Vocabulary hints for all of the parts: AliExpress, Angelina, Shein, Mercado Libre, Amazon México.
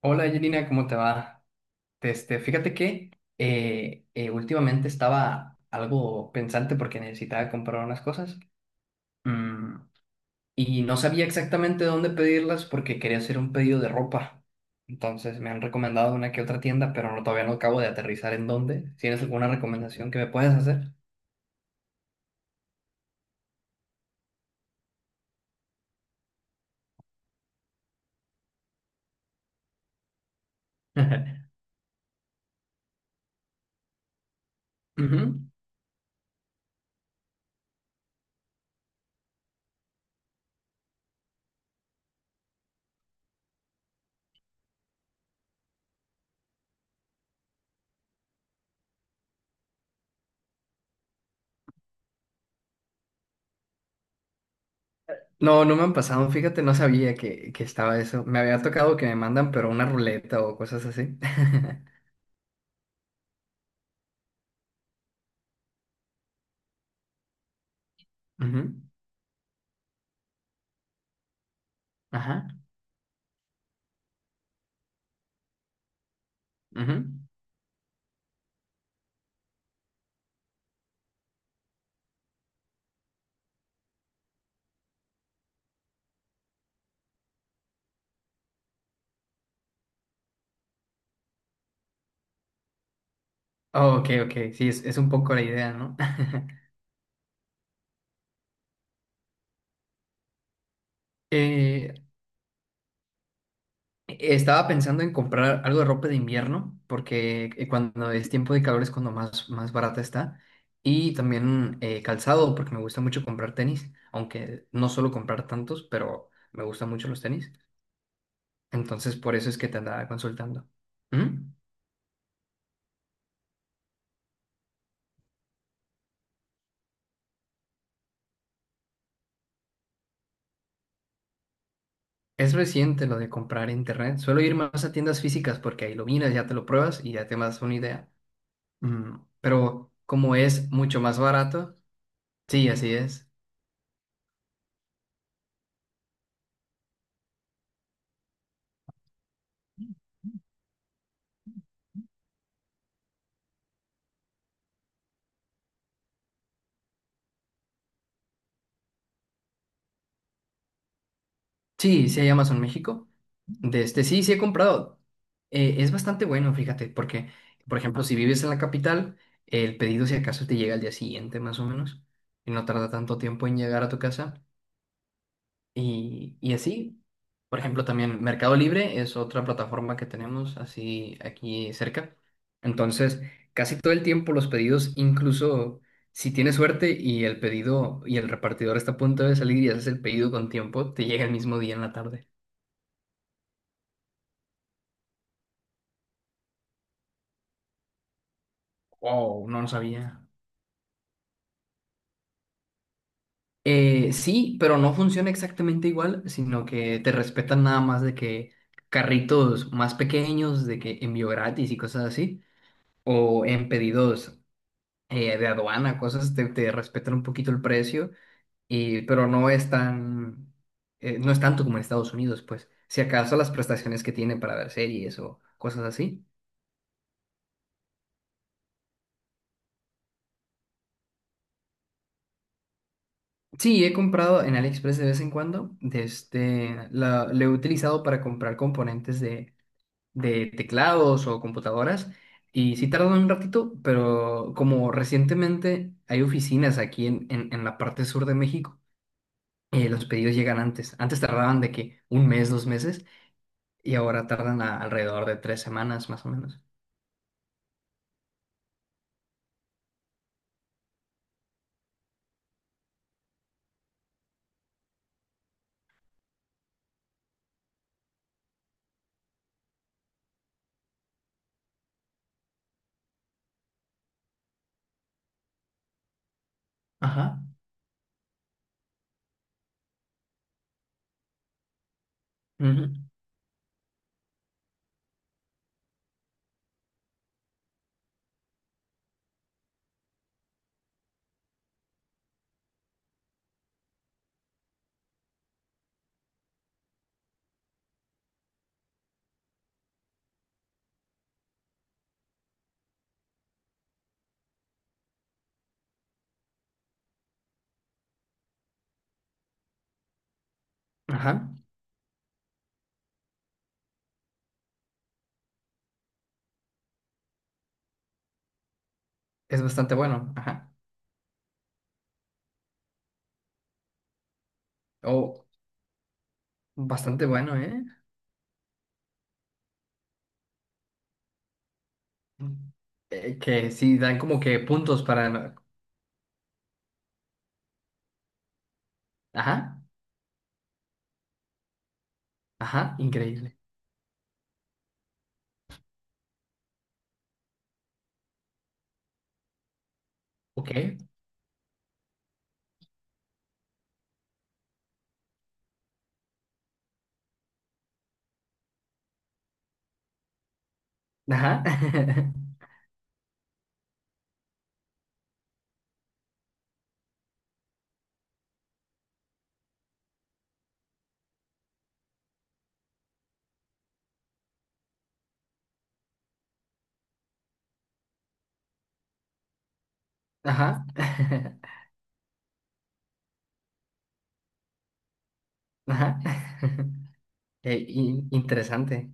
Hola Angelina, ¿cómo te va? Este, fíjate que últimamente estaba algo pensante porque necesitaba comprar unas cosas mm, y no sabía exactamente dónde pedirlas porque quería hacer un pedido de ropa. Entonces me han recomendado una que otra tienda, pero no, todavía no acabo de aterrizar en dónde. ¿Tienes alguna recomendación que me puedas hacer? Ujú. No, no me han pasado, fíjate, no sabía que estaba eso. Me había tocado que me mandan, pero una ruleta o cosas así. Ujú. Ajá. Ujú. Oh, ok, ok, sí, es un poco la idea, ¿no? Eh, Estaba pensando en comprar algo de ropa de invierno, porque cuando es tiempo de calor es cuando más barata está, y también calzado, porque me gusta mucho comprar tenis, aunque no suelo comprar tantos, pero me gustan mucho los tenis, entonces por eso es que te andaba consultando. ¿Mm? Es reciente lo de comprar en internet, suelo ir más a tiendas físicas porque ahí lo miras, ya te lo pruebas y ya te das una idea. Pero como es mucho más barato, sí, así es. Sí, sí hay Amazon México. De este, sí, sí he comprado. Es bastante bueno, fíjate, porque, por ejemplo, si vives en la capital, el pedido si acaso te llega al día siguiente, más o menos, y no tarda tanto tiempo en llegar a tu casa. Y así, por ejemplo, también Mercado Libre es otra plataforma que tenemos así aquí cerca. Entonces, casi todo el tiempo los pedidos, incluso si tienes suerte y el pedido y el repartidor está a punto de salir y haces el pedido con tiempo, te llega el mismo día en la tarde. Wow, no lo sabía. Sí, pero no funciona exactamente igual, sino que te respetan nada más de que carritos más pequeños, de que envío gratis y cosas así, o en pedidos de aduana, cosas, te respetan un poquito el precio, pero no es tan, no es tanto como en Estados Unidos, pues, si acaso las prestaciones que tiene para ver series o cosas así. Sí, he comprado en AliExpress de vez en cuando, lo he utilizado para comprar componentes de teclados o computadoras, y sí tardan un ratito, pero como recientemente hay oficinas aquí en la parte sur de México, los pedidos llegan antes. Antes tardaban de que un mes, 2 meses, y ahora tardan alrededor de 3 semanas más o menos. Ajá. Ujú. Ajá, es bastante bueno, ajá. O bastante bueno, ¿eh? Mm. Que sí, dan como que puntos para... Ajá, ajá, increíble. Ok. Ajá, ajá, ajá. Interesante.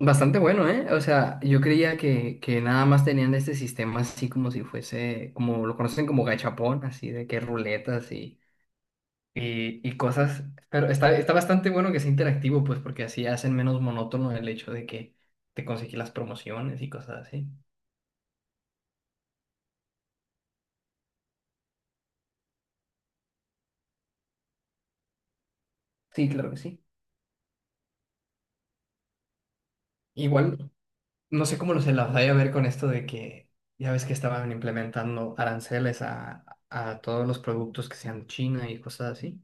Bastante bueno, ¿eh? O sea, yo creía que nada más tenían este sistema así como si fuese, como lo conocen como gachapón, así de que ruletas y cosas, pero está bastante bueno que sea interactivo, pues porque así hacen menos monótono el hecho de que te conseguí las promociones y cosas así. Sí, claro que sí. Igual, no sé cómo lo se las vaya a ver con esto de que ya ves que estaban implementando aranceles a todos los productos que sean de China y cosas así.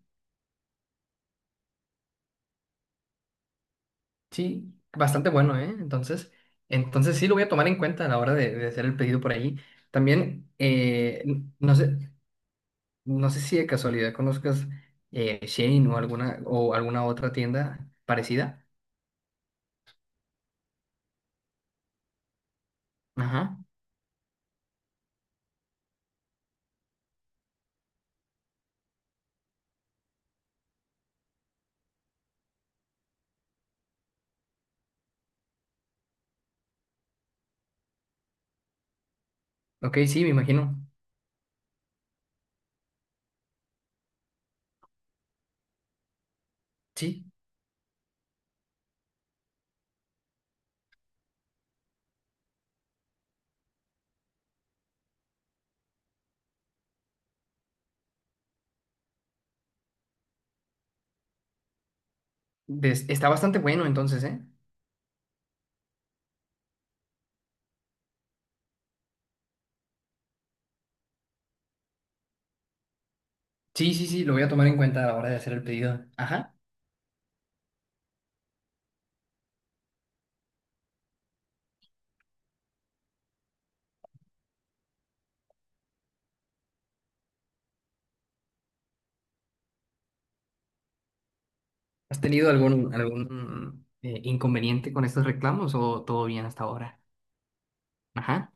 Sí, bastante bueno, ¿eh? Entonces, sí lo voy a tomar en cuenta a la hora de hacer el pedido por ahí. También, No sé si de casualidad conozcas Shein o o alguna otra tienda parecida. Ajá. Ok, sí, me imagino. Sí. Está bastante bueno entonces, ¿eh? Sí, sí, sí, lo voy a tomar en cuenta a la hora de hacer el pedido. Ajá. ¿Has tenido algún, inconveniente con estos reclamos o todo bien hasta ahora? Ajá.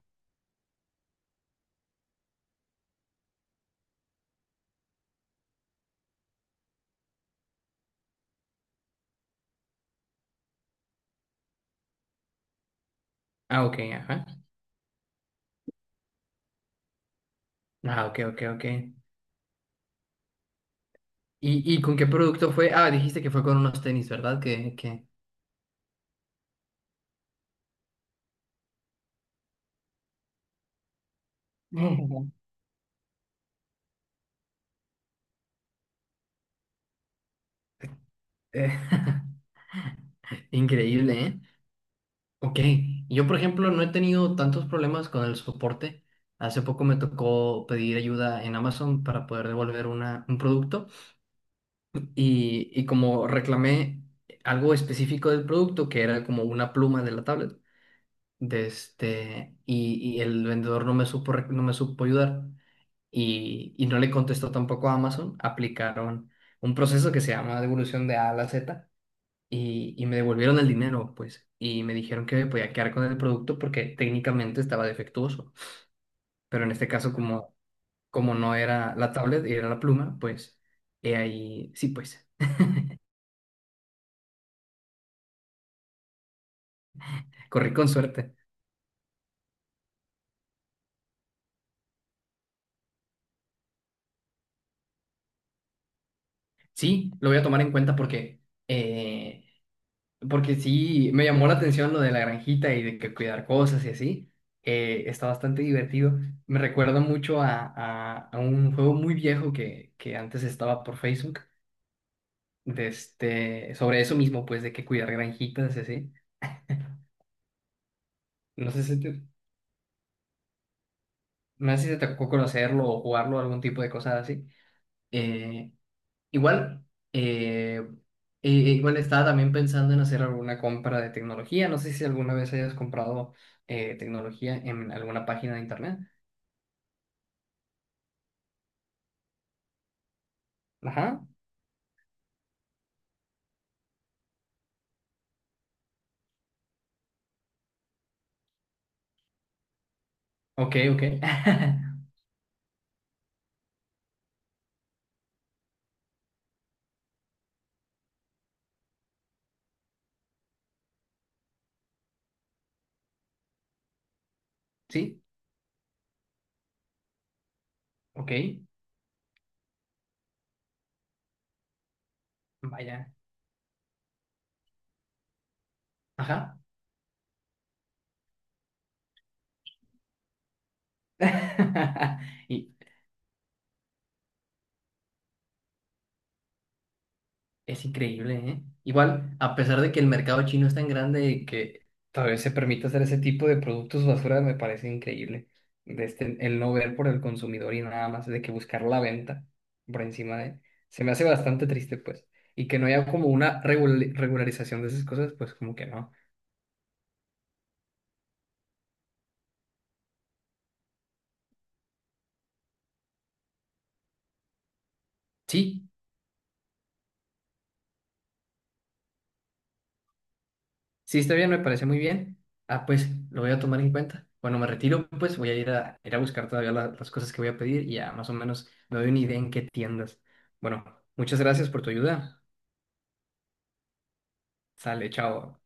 Ah, ok, ajá. Ah, ok, ok, ok. ¿Y con qué producto fue? Ah, dijiste que fue con unos tenis, ¿verdad? Que... Eh, Increíble, ¿eh? Ok, yo por ejemplo no he tenido tantos problemas con el soporte. Hace poco me tocó pedir ayuda en Amazon para poder devolver un producto y como reclamé algo específico del producto que era como una pluma de la tablet de este, y el vendedor no me supo ayudar y no le contestó tampoco a Amazon, aplicaron un proceso que se llama devolución de A a la Z y me devolvieron el dinero, pues, y me dijeron que me podía quedar con el producto porque técnicamente estaba defectuoso. Pero en este caso, como no era la tablet, era la pluma, pues, he ahí, sí, pues, corrí con suerte. Sí, lo voy a tomar en cuenta eh, porque sí, me llamó la atención lo de la granjita y de que cuidar cosas y así. Está bastante divertido. Me recuerda mucho a un juego muy viejo que antes estaba por Facebook de este, sobre eso mismo, pues, de que cuidar granjitas y así. No sé si te, no sé si te tocó conocerlo o jugarlo, algún tipo de cosas así. Eh, igual, eh, Igual estaba también pensando en hacer alguna compra de tecnología. No sé si alguna vez hayas comprado tecnología en alguna página de internet. Ajá, ok, ok. Sí, ok, vaya, ajá. Y, Es increíble, ¿eh? Igual, a pesar de que el mercado chino es tan grande y que tal vez se permita hacer ese tipo de productos basura, me parece increíble. De este, el no ver por el consumidor y nada más de que buscar la venta por encima de... Se me hace bastante triste, pues. Y que no haya como una regularización de esas cosas, pues como que no. Sí, sí, está bien, me parece muy bien. Ah, pues lo voy a tomar en cuenta. Bueno, me retiro, pues voy a ir a buscar todavía las cosas que voy a pedir y ya más o menos me doy una idea en qué tiendas. Bueno, muchas gracias por tu ayuda. Sale, chao.